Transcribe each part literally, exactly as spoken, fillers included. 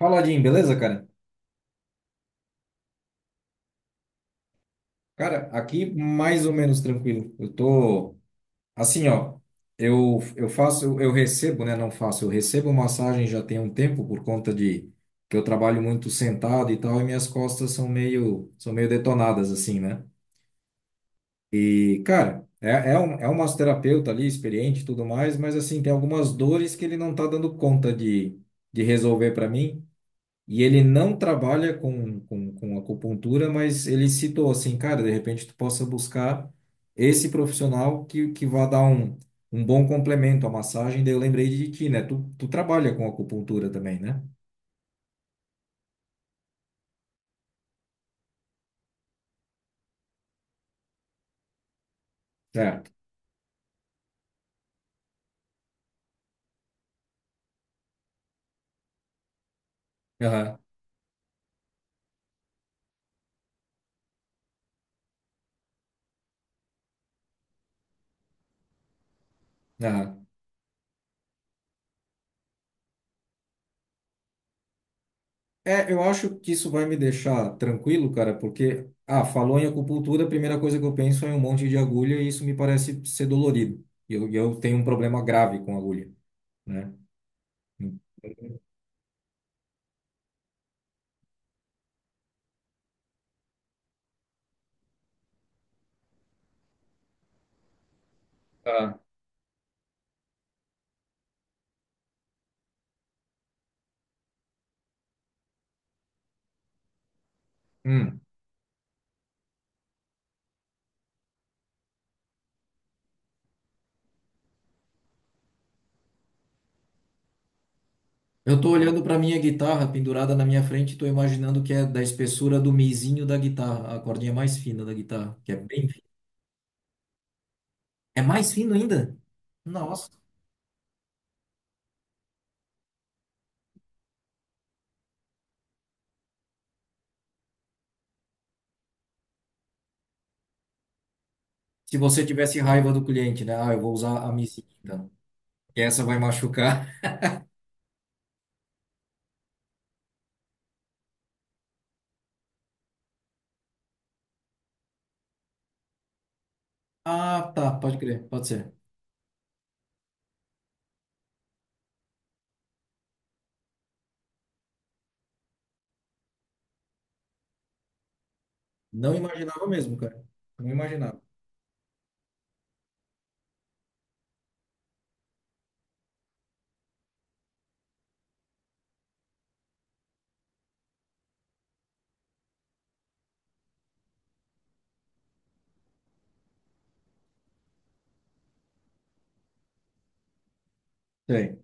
Fala, Jim, beleza, cara? Cara, aqui mais ou menos tranquilo. Eu tô assim, ó. Eu, eu faço, eu recebo, né? Não faço, eu recebo massagem já tem um tempo por conta de que eu trabalho muito sentado e tal, e minhas costas são meio, são meio detonadas, assim, né? E, cara, é, é um, é um massoterapeuta ali, experiente e tudo mais, mas assim, tem algumas dores que ele não tá dando conta de, de resolver para mim. E ele não trabalha com, com, com acupuntura, mas ele citou assim, cara, de repente tu possa buscar esse profissional que, que vá dar um, um bom complemento à massagem. Daí eu lembrei de ti, né? Tu, tu trabalha com acupuntura também, né? Certo. Aham, aham. É, eu acho que isso vai me deixar tranquilo, cara, porque, ah, falou em acupuntura, a primeira coisa que eu penso é em um monte de agulha e isso me parece ser dolorido. E eu, e eu tenho um problema grave com agulha, né? Ah. Hum. Eu tô olhando para minha guitarra pendurada na minha frente e tô imaginando que é da espessura do mizinho da guitarra, a cordinha mais fina da guitarra, que é bem fina. É mais fino ainda? Nossa. Se você tivesse raiva do cliente, né? Ah, eu vou usar a mizinha, então. Que essa vai machucar. Ah, tá, pode crer, pode ser. Não imaginava mesmo, cara. Não imaginava. Sei.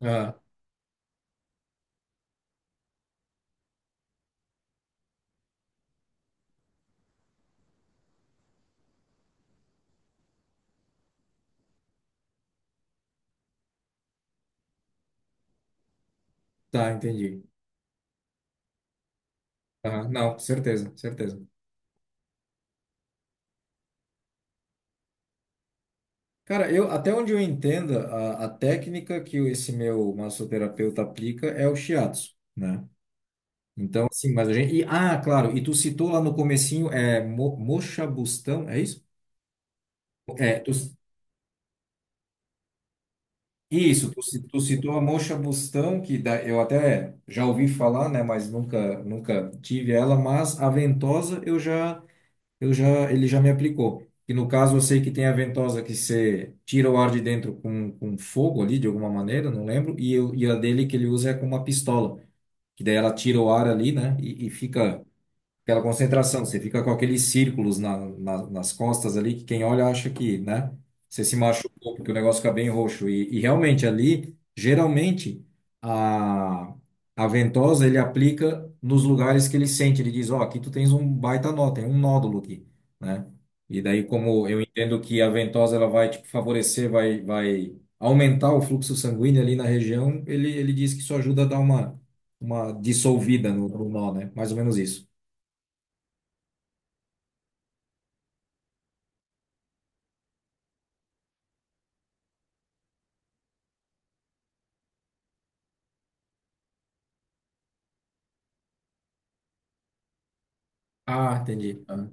Ah, tá, entendi. Ah, não, certeza, certeza. Cara, eu até onde eu entenda, a, a técnica que esse meu massoterapeuta aplica é o shiatsu, né? Então, assim, mas a gente. E, ah, claro, e tu citou lá no comecinho, é Mo, Mocha Bustão, é isso? É, tu, isso, tu, ci- tu citou a Mocha Bustão, que da, eu até já ouvi falar, né? Mas nunca, nunca tive ela, mas a ventosa eu já, eu já, ele já me aplicou. E no caso eu sei que tem a ventosa que você tira o ar de dentro com, com fogo ali, de alguma maneira, não lembro, e, eu, e a dele que ele usa é com uma pistola, que daí ela tira o ar ali, né? E, e fica aquela concentração, você fica com aqueles círculos na, na- nas costas ali, que quem olha acha que, né? Você se machucou, porque o negócio fica bem roxo. E, e realmente ali, geralmente, a, a ventosa ele aplica nos lugares que ele sente. Ele diz: Ó, aqui tu tens um baita nó, tem um nódulo aqui, né? E daí, como eu entendo que a ventosa ela vai tipo, favorecer, vai, vai aumentar o fluxo sanguíneo ali na região, ele, ele diz que isso ajuda a dar uma, uma dissolvida no, no nó, né? Mais ou menos isso. Ah, entendi. Ah.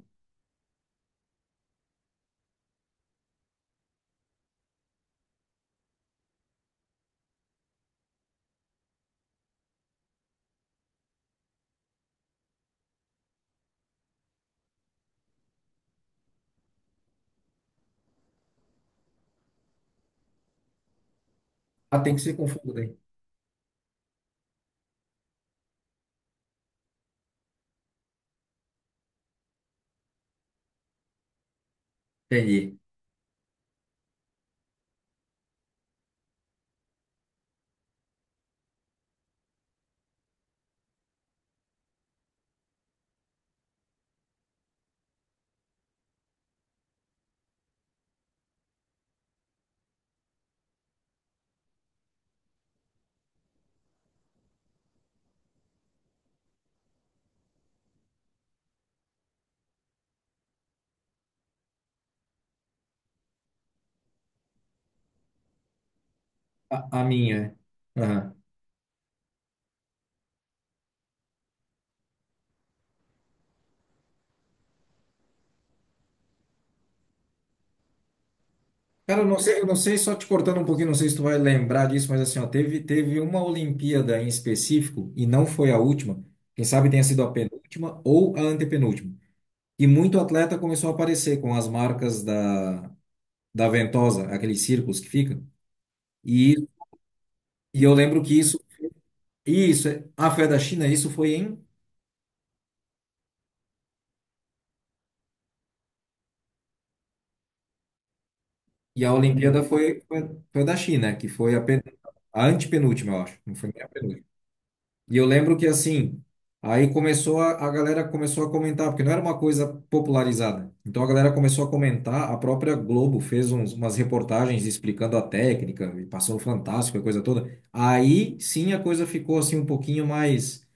Ah, tem que se confundir. Entendi. A, a minha. Aham. Cara, eu não sei, eu não sei, só te cortando um pouquinho, não sei se tu vai lembrar disso, mas assim, ó, teve, teve uma Olimpíada em específico, e não foi a última, quem sabe tenha sido a penúltima ou a antepenúltima. E muito atleta começou a aparecer com as marcas da, da ventosa, aqueles círculos que ficam. E, e eu lembro que isso, isso, é, ah, foi a da China, isso foi em, e a Olimpíada foi, foi, foi a da China, que foi a A antepenúltima, eu acho. Não foi nem a penúltima. E eu lembro que assim, aí começou a, a galera começou a comentar, porque não era uma coisa popularizada. Então a galera começou a comentar, a própria Globo fez uns- umas reportagens explicando a técnica, e passou o Fantástico, a coisa toda. Aí sim a coisa ficou assim um pouquinho mais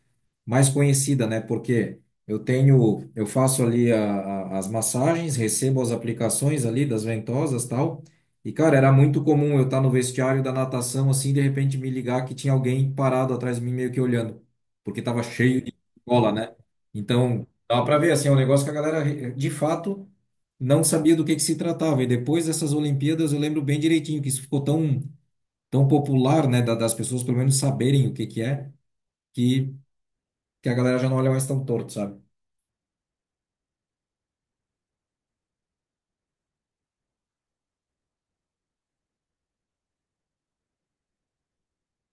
mais conhecida, né? Porque eu tenho, eu faço ali a- a- as massagens, recebo as aplicações ali das ventosas, tal. E cara, era muito comum eu estar no vestiário da natação assim, e de repente me ligar que tinha alguém parado atrás de mim meio que olhando, porque tava cheio de cola, né? Então, dá para ver assim, é um negócio que a galera eh, de fato não sabia do que que se tratava. E depois dessas Olimpíadas, eu lembro bem direitinho que isso ficou tão tão popular, né, da- das pessoas pelo menos saberem o que que é. que que a galera já não olha mais tão torto, sabe?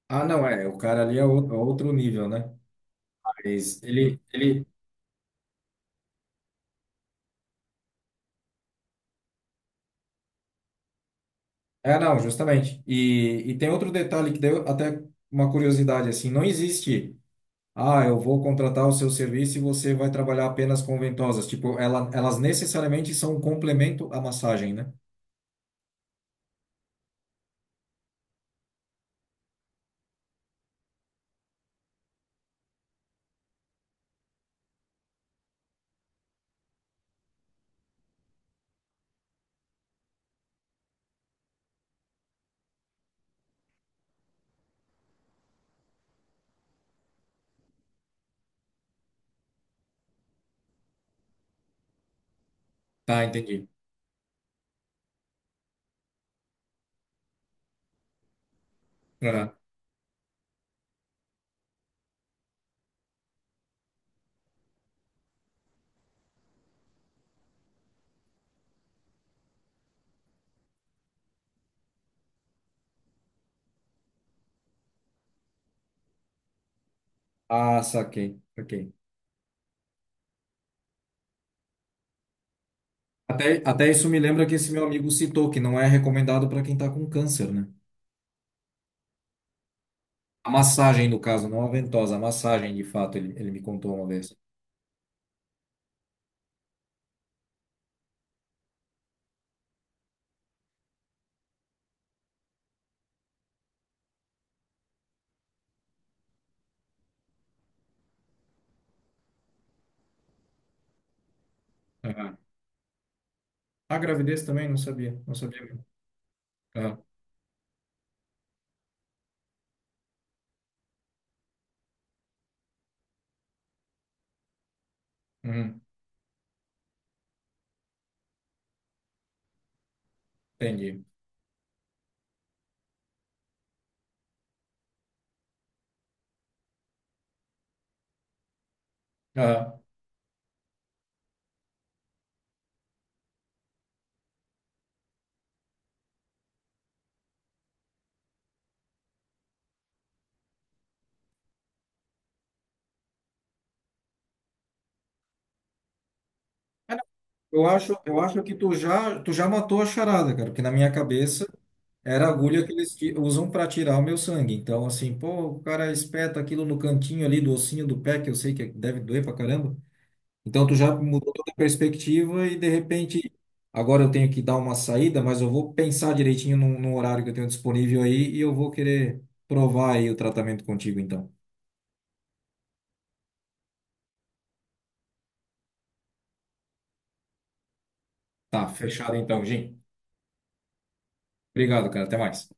Ah, não, é, o cara ali é ou- é outro nível, né? Mas ele, ele... É, não, justamente. E, e tem outro detalhe que deu até uma curiosidade, assim, não existe, ah, eu vou contratar o seu serviço e você vai trabalhar apenas com ventosas. Tipo, ela, elas necessariamente são um complemento à massagem, né? Tá, entendi. Aham. Ah, saquei, saquei. Até, até isso me lembra que esse meu amigo citou, que não é recomendado para quem tá com câncer, né? A massagem, no caso, não a ventosa, a massagem, de fato, ele, ele me contou uma vez. Aham. A gravidez também, não sabia, não sabia mesmo. Aham. Uhum. Entendi. Aham. Ah, não. Eu acho, eu acho que tu já, tu já matou a charada, cara, porque na minha cabeça era a agulha que eles ti- usam para tirar o meu sangue. Então, assim, pô, o cara espeta aquilo no cantinho ali do ossinho do pé, que eu sei que deve doer pra caramba. Então tu já mudou toda a perspectiva e de repente agora eu tenho que dar uma saída, mas eu vou pensar direitinho no, no horário que eu tenho disponível aí e eu vou querer provar aí o tratamento contigo então. Tá, fechado então, Jim. Obrigado, cara. Até mais.